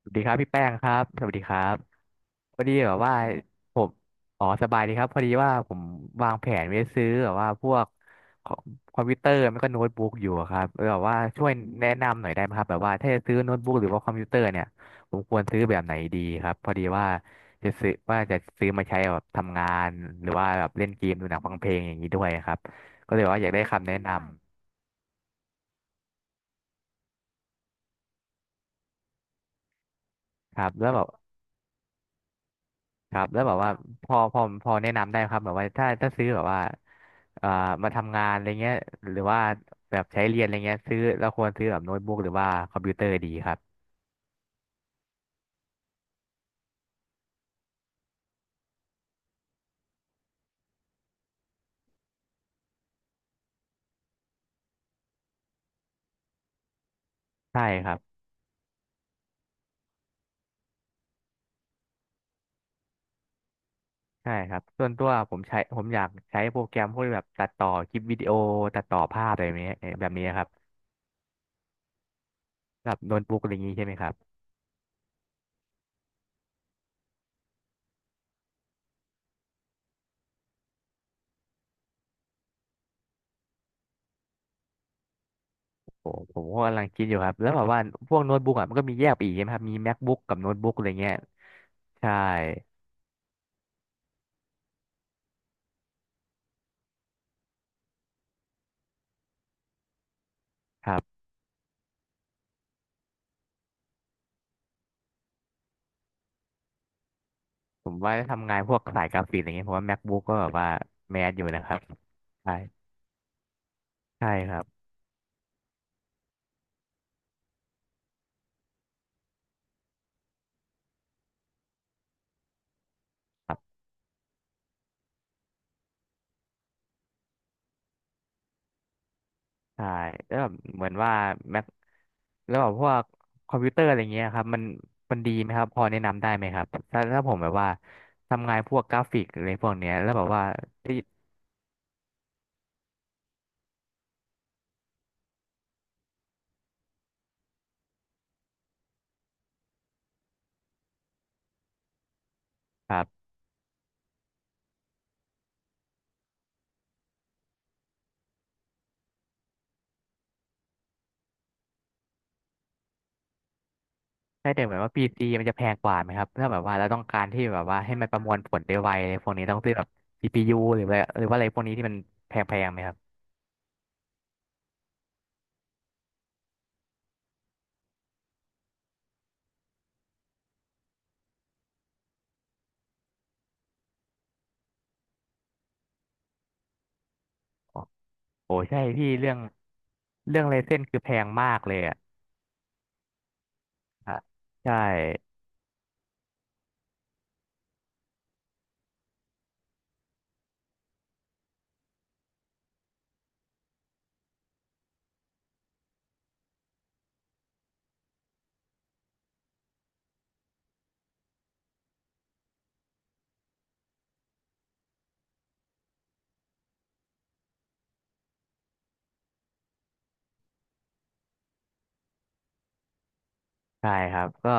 สวัสดีครับพี่แป้งครับสวัสดีครับพอดีแบบว่าผมอ๋อสบายดีครับพอดีว่าผมวางแผนไว้ซื้อแบบว่าพวกคอมคอมพิวเตอร์ไม่ก็โน้ตบุ๊กอยู่อะครับแบบว่าช่วยแนะนำหน่อยได้ไหมครับแบบว่าถ้าจะซื้อโน้ตบุ๊กหรือว่าคอมพิวเตอร์เนี่ยผมควรซื้อแบบไหนดีครับพอดีว่าจะซื้อว่าจะซื้อมาใช้แบบทำงานหรือว่าแบบเล่นเกมดูหนังฟังเพลงอย่างนี้ด้วยครับก็เลยว่าอยากได้คำแนะนำครับแล้วแบบ ครับแล้วแบบว่าพอแนะนำได้ไหมครับแบบว่าถ้าซื้อแบบว่าเอ่อมาทำงานอะไรเงี้ยหรือว่าแบบใช้เรียนอะไรเงี้ยซื้อเราควรซื้อแบบโน้ตบุ๊กหรือว่าคอมพิวเตอร์ดีครับใช่ครับใช่ครับส่วนตัวผมอยากใช้โปรแกรมพวกแบบตัดต่อคลิปวิดีโอตัดต่อภาพอะไรแบบนี้แบบนี้ครับแบบโน้ตบุ๊กอะไรอย่างนี้ใช่ไหมครับผมก็กำลังคิดอยู่ครับแล้วแบบว่าพวกโน้ตบุ๊กอ่ะมันก็มีแยกไปอีกใช่ไหมครับมี MacBook กับโน้ตบุ๊กอะไรเงี้ยใช่ ผมว่าทำงานพวกสายกราฟิกอะไรเงี้ยผมว่า MacBook ก็แบบว่าแมสอยู่นะครับใช่ใช่ครับครับใช่แล้วแบบเหมือนว่า Mac แล้วแบบพวกคอมพิวเตอร์อะไรเงี้ยครับมันดีไหมครับพอแนะนำได้ไหมครับถ้าผมแบบว่าทำงานพวกกราฟิกอะไรพวกเนี้ยแล้วแบบว่าที่ครับใด้แต่เหมือนว่าพีซีมันจะแพงกว่าไหมครับถ้าแบบว่าเราต้องการที่แบบว่าให้มันประมวลผลได้ไวอะไรพวกนี้ต้องซื้อแบบ CPU หรือว่าอะไรพวกนี้ที่มันแพงๆไหมครับ โอ้ใช่พี่เรื่องเรื่องไรเส้นคือแพงมากเลยอะฮะใช่ใช่ครับก็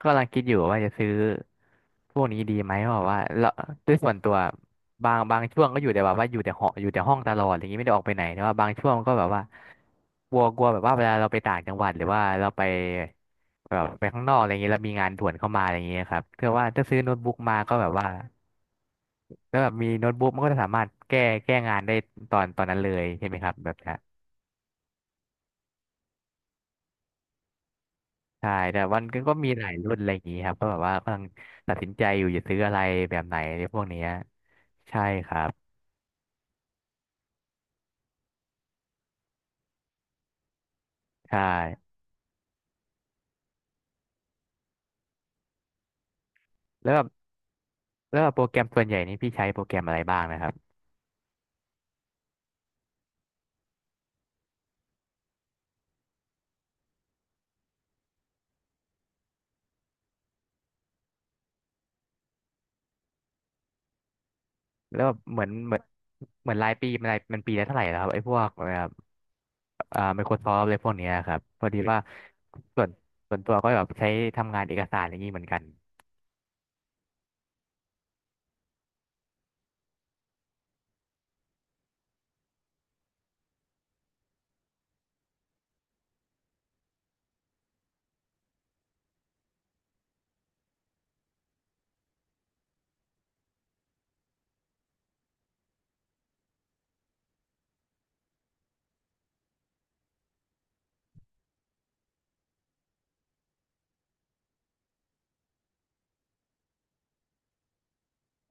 ก็กำลังคิดอยู่ว่าจะซื้อพวกนี้ดีไหมเพราะว่าเราด้วยส่วนตัวบางช่วงก็อยู่แต่แบบว่าอยู่แต่หออยู่แต่ห้องตลอดอะไรอย่างนี้ไม่ได้ออกไปไหนแต่ว่าบางช่วงก็แบบว่ากลัวกลัวแบบว่าเวลาเราไปต่างจังหวัดหรือว่าเราไปแบบไปข้างนอกอะไรอย่างนี้เรามีงานด่วนเข้ามาอะไรอย่างนี้ครับเพื่อว่าถ้าซื้อโน้ตบุ๊กมาก็แบบว่าแล้วแบบมีโน้ตบุ๊กมันก็จะสามารถแก้งานได้ตอนนั้นเลยใช่ไหมครับแบบนี้ ใช่แต่มันก็มีหลายรุ่นอะไรอย่างนี้ครับก็แบบว่ากำลังตัดสินใจอยู่จะซื้ออะไรแบบไหนในพวกเนี้ยใช่ครับใช่แล้วแบบแล้วแบบโปรแกรมส่วนใหญ่นี่พี่ใช้โปรแกรมอะไรบ้างนะครับแล้วแบบเหมือนรายปีมันรายมันปีละเท่าไหร่แล้วครับไอ้พวกแบบMicrosoft อะไรพวกเนี้ยครับพอดีว่าส่วนส่วนตัวก็แบบใช้ทำงานเอกสารอย่างนี้เหมือนกัน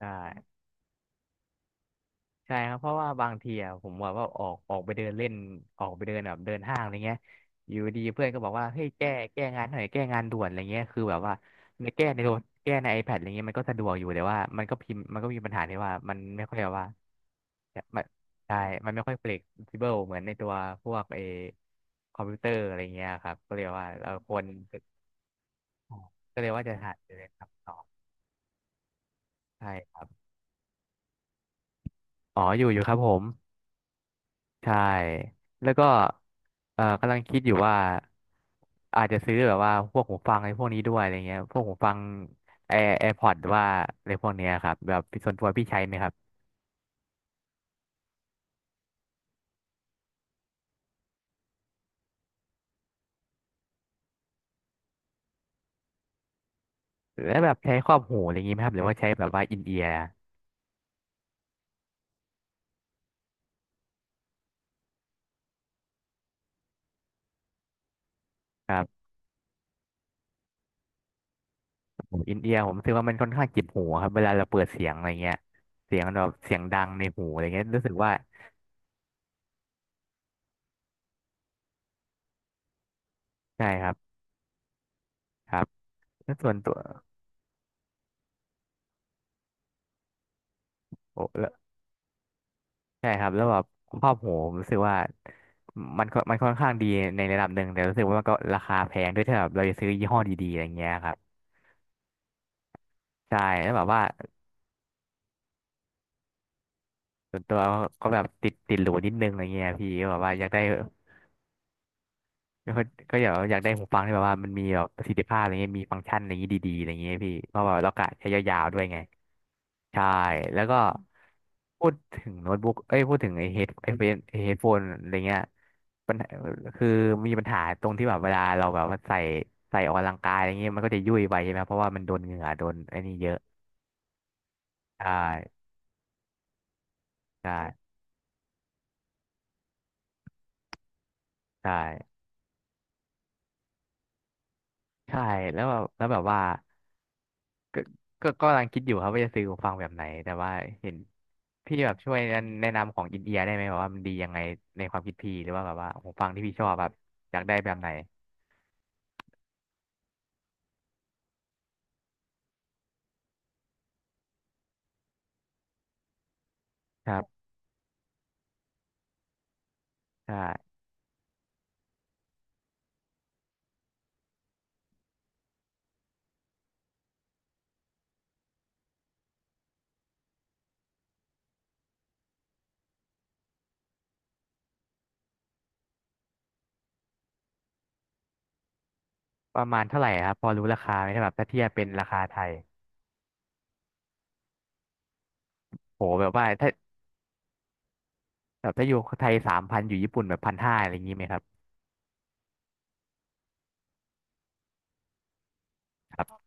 ใช่ ใช่ครับเพราะว่าบางทีอะผมแบบว่าออกไปเดินเล่นออกไปเดินแบบเดินห้างอะไรเงี้ยอยู่ดีเพื่อนก็บอกว่าเฮ้ยแก้งานหน่อยแก้งานด่วนอะไรเงี้ยคือแบบว่าในแก้ในโทรแก้ใน iPad อะไรเงี้ยมันก็สะดวกอยู่แต่ว่ามันก็พิมพ์มันก็มีปัญหาที่ว่ามันไม่ค่อยแบบว่าเน่ยมันใช่มันไม่ค่อย flexible เหมือนในตัวพวกเอคอมพิวเตอร์อะไรเงี้ยครับก็เลยว่าเราควรก็เลยว่าจะหัดเลยครับต่อใช่ครับอ๋ออยู่ครับผม ใช่แล้วก็กำลังคิดอยู่ว่า อาจจะซื้อแบบว่าพวกหูฟังไอ้พวกนี้ด้วยอะไรเงี้ยพวกหูฟังแอร์พอดหรือว่าอะไรพวกเนี้ยครับแบบส่วนตัวพี่ใช้ไหมครับแล้วแบบใช้ครอบหูอะไรอย่างงี้ไหมครับหรือว่าใช้แบบว่าอินเอียร์ครับอินเอียร์ผมรู้สึกว่ามันค่อนข้างเจ็บหูครับ เวลาเราเปิดเสียงอะไรเงี้ยเสียงแบบเสียงดังในหูอะไรเงี้ยรู้สึกว่าใช่ครับครับแล้วส่วนตัวโอ้ ใช่ครับแล้วแบบครอบโหผมรู้สึกว่ามันก็มันค่อนข้างดีในระดับหนึ่งแต่รู้สึกว่ามันก็ราคาแพงด้วยถ้าแบบเราจะซื้อยี่ห้อดีๆอะไรเงี้ยครับใช่แล้วแบบว่าส่วนตัวก็แบบติดหรูนิดนึงอะไรเงี้ยพี่ก็แบบว่าอยากได้ ก็ก็อยากได้หูฟังที่แบบว่ามันมีแบบประสิทธิภาพอะไรเงี้ยมีฟังก์ชันอะไรเงี้ยดีๆอะไรเงี้ยพี่เพราะว่าเรากะใช้ยาวๆด้วยไงใช่แล้วก็พูดถึงโน้ตบุ๊กเอ้ยพูดถึงไอเฮดโฟนอะไรเงี้ยปัญหาคือมีปัญหาตรงที่แบบเวลาเราแบบว่าใส่ออกกำลังกายอะไรเงี้ยมันก็จะยุ่ยไปใช่ไหมเพราะว่ามันโดนเหงื่อโดนไอ้นี่เยอะใช่ใช่ใช่ใช่แล้วแบบว่า ก็ก็กำลังคิดอยู่ครับว่าจะซื้อหูฟังแบบไหน แต่ว่าเห็นพี่แบบช่วยแนะนำของอินเอียร์ได้ไหมแบบว่ามันดียังไงในความคิดพี่ หรือว่าแบบว่าหูฟังที่พี่ชอบแบบอยากได้แบบไหนครับใช่ประมาณเท่าไหร่ครับ พอรู้ราคาไหมถ้าแบบถ้าเทียบเป็นราคาไทยโหแบบว่าถ้าแบบถ้าอยู่ไทยสามพันอยู่ญี่ปุ่นแบบพันห้าอะไรอย่างนี้ไหมครับครับ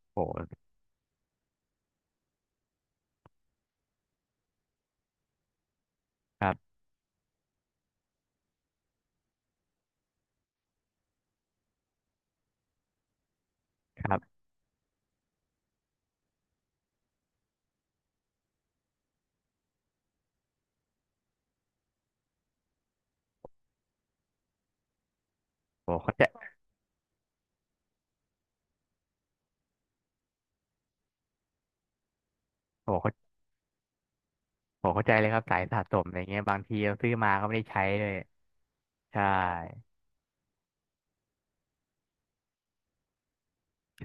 โหครับครับโหเขาใจโหเขาโหเข้าใจเลยครับสายสะสมอะไรเงี้ยบางทีเราซื้อมาก็ไม่ได้ใช้เลยใช่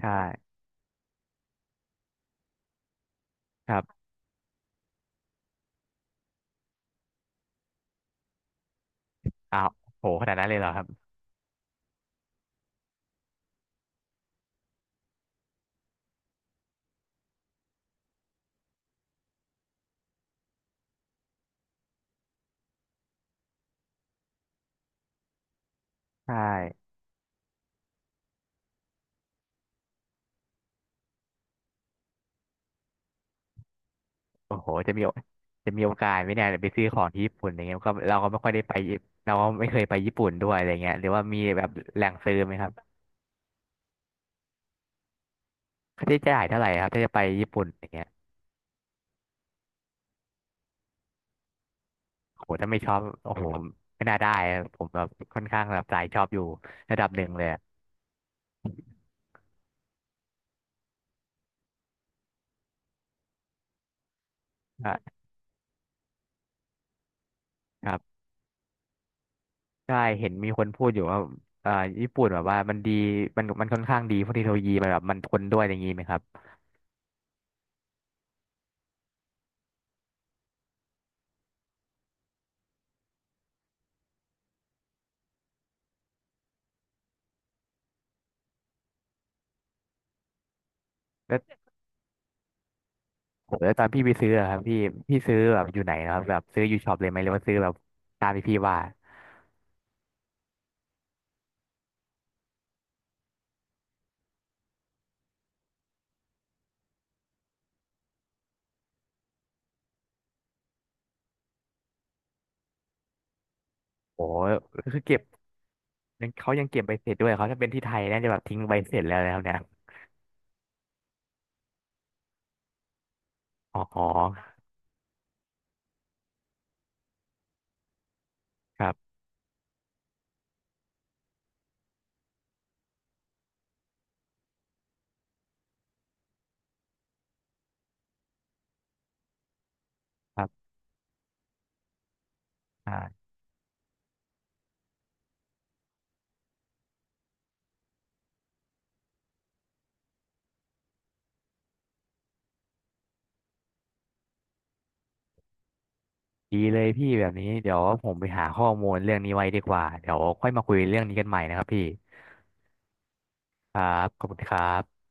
ใช่ครับอ้าวโหขนาดนั้นเลยเหรอครับ ใช่โอ้โหจะมีโอกาสไหมเนี่ยไปซื้อของที่ญี่ปุ่นอย่างเงี้ยก็เราก็ไม่ค่อยได้ไปญี่เราก็ไม่เคยไปญี่ปุ่นด้วยอะไรเงี้ยหรือว่ามีแบบแหล่งซื้อไหมครับค่าใช้จ่ายเท่าไหร่ครับถ้าจะไปญี่ปุ่นอย่างเงี้ยโอ้โหถ้าไม่ชอบโอ้โหไม่น่าได้อะผมแบบค่อนข้างแบบสายชอบอยู่ระดับหนึ่งเลยอะอ่ะครับใช่เห็นมีคนพูดอยู่ว่าเอ่อญี่ปุ่นแบบว่ามันดีมันค่อนข้างดีเพราะเทคโนโลยีมันแบบมันทนด้วยอย่างงี้ไหมครับ ผมแล้วตอนพี่ไปซื้ออะครับพี่ซื้อแบบอยู่ไหนนะครับแบบซื้ออยู่ช็อปเลยไหมหรือว่าซื้อแบบตามที่พี่ว่าโอ้โหคือเก็บยังเขายังเก็บใบเสร็จด้วยเขาถ้าเป็นที่ไทยน่าจะแบบทิ้งใบเสร็จแล้วนะครับเนี่ยอ๋อครับครับอ่าดีเลยพี่แบบนี้เดี๋ยวผมไปหาข้อมูลเรื่องนี้ไว้ดีกว่าเดี๋ยวค่อยมาคุยเรื่องนี้กันใหม่นะครับพี่ครับขอบคุณครับ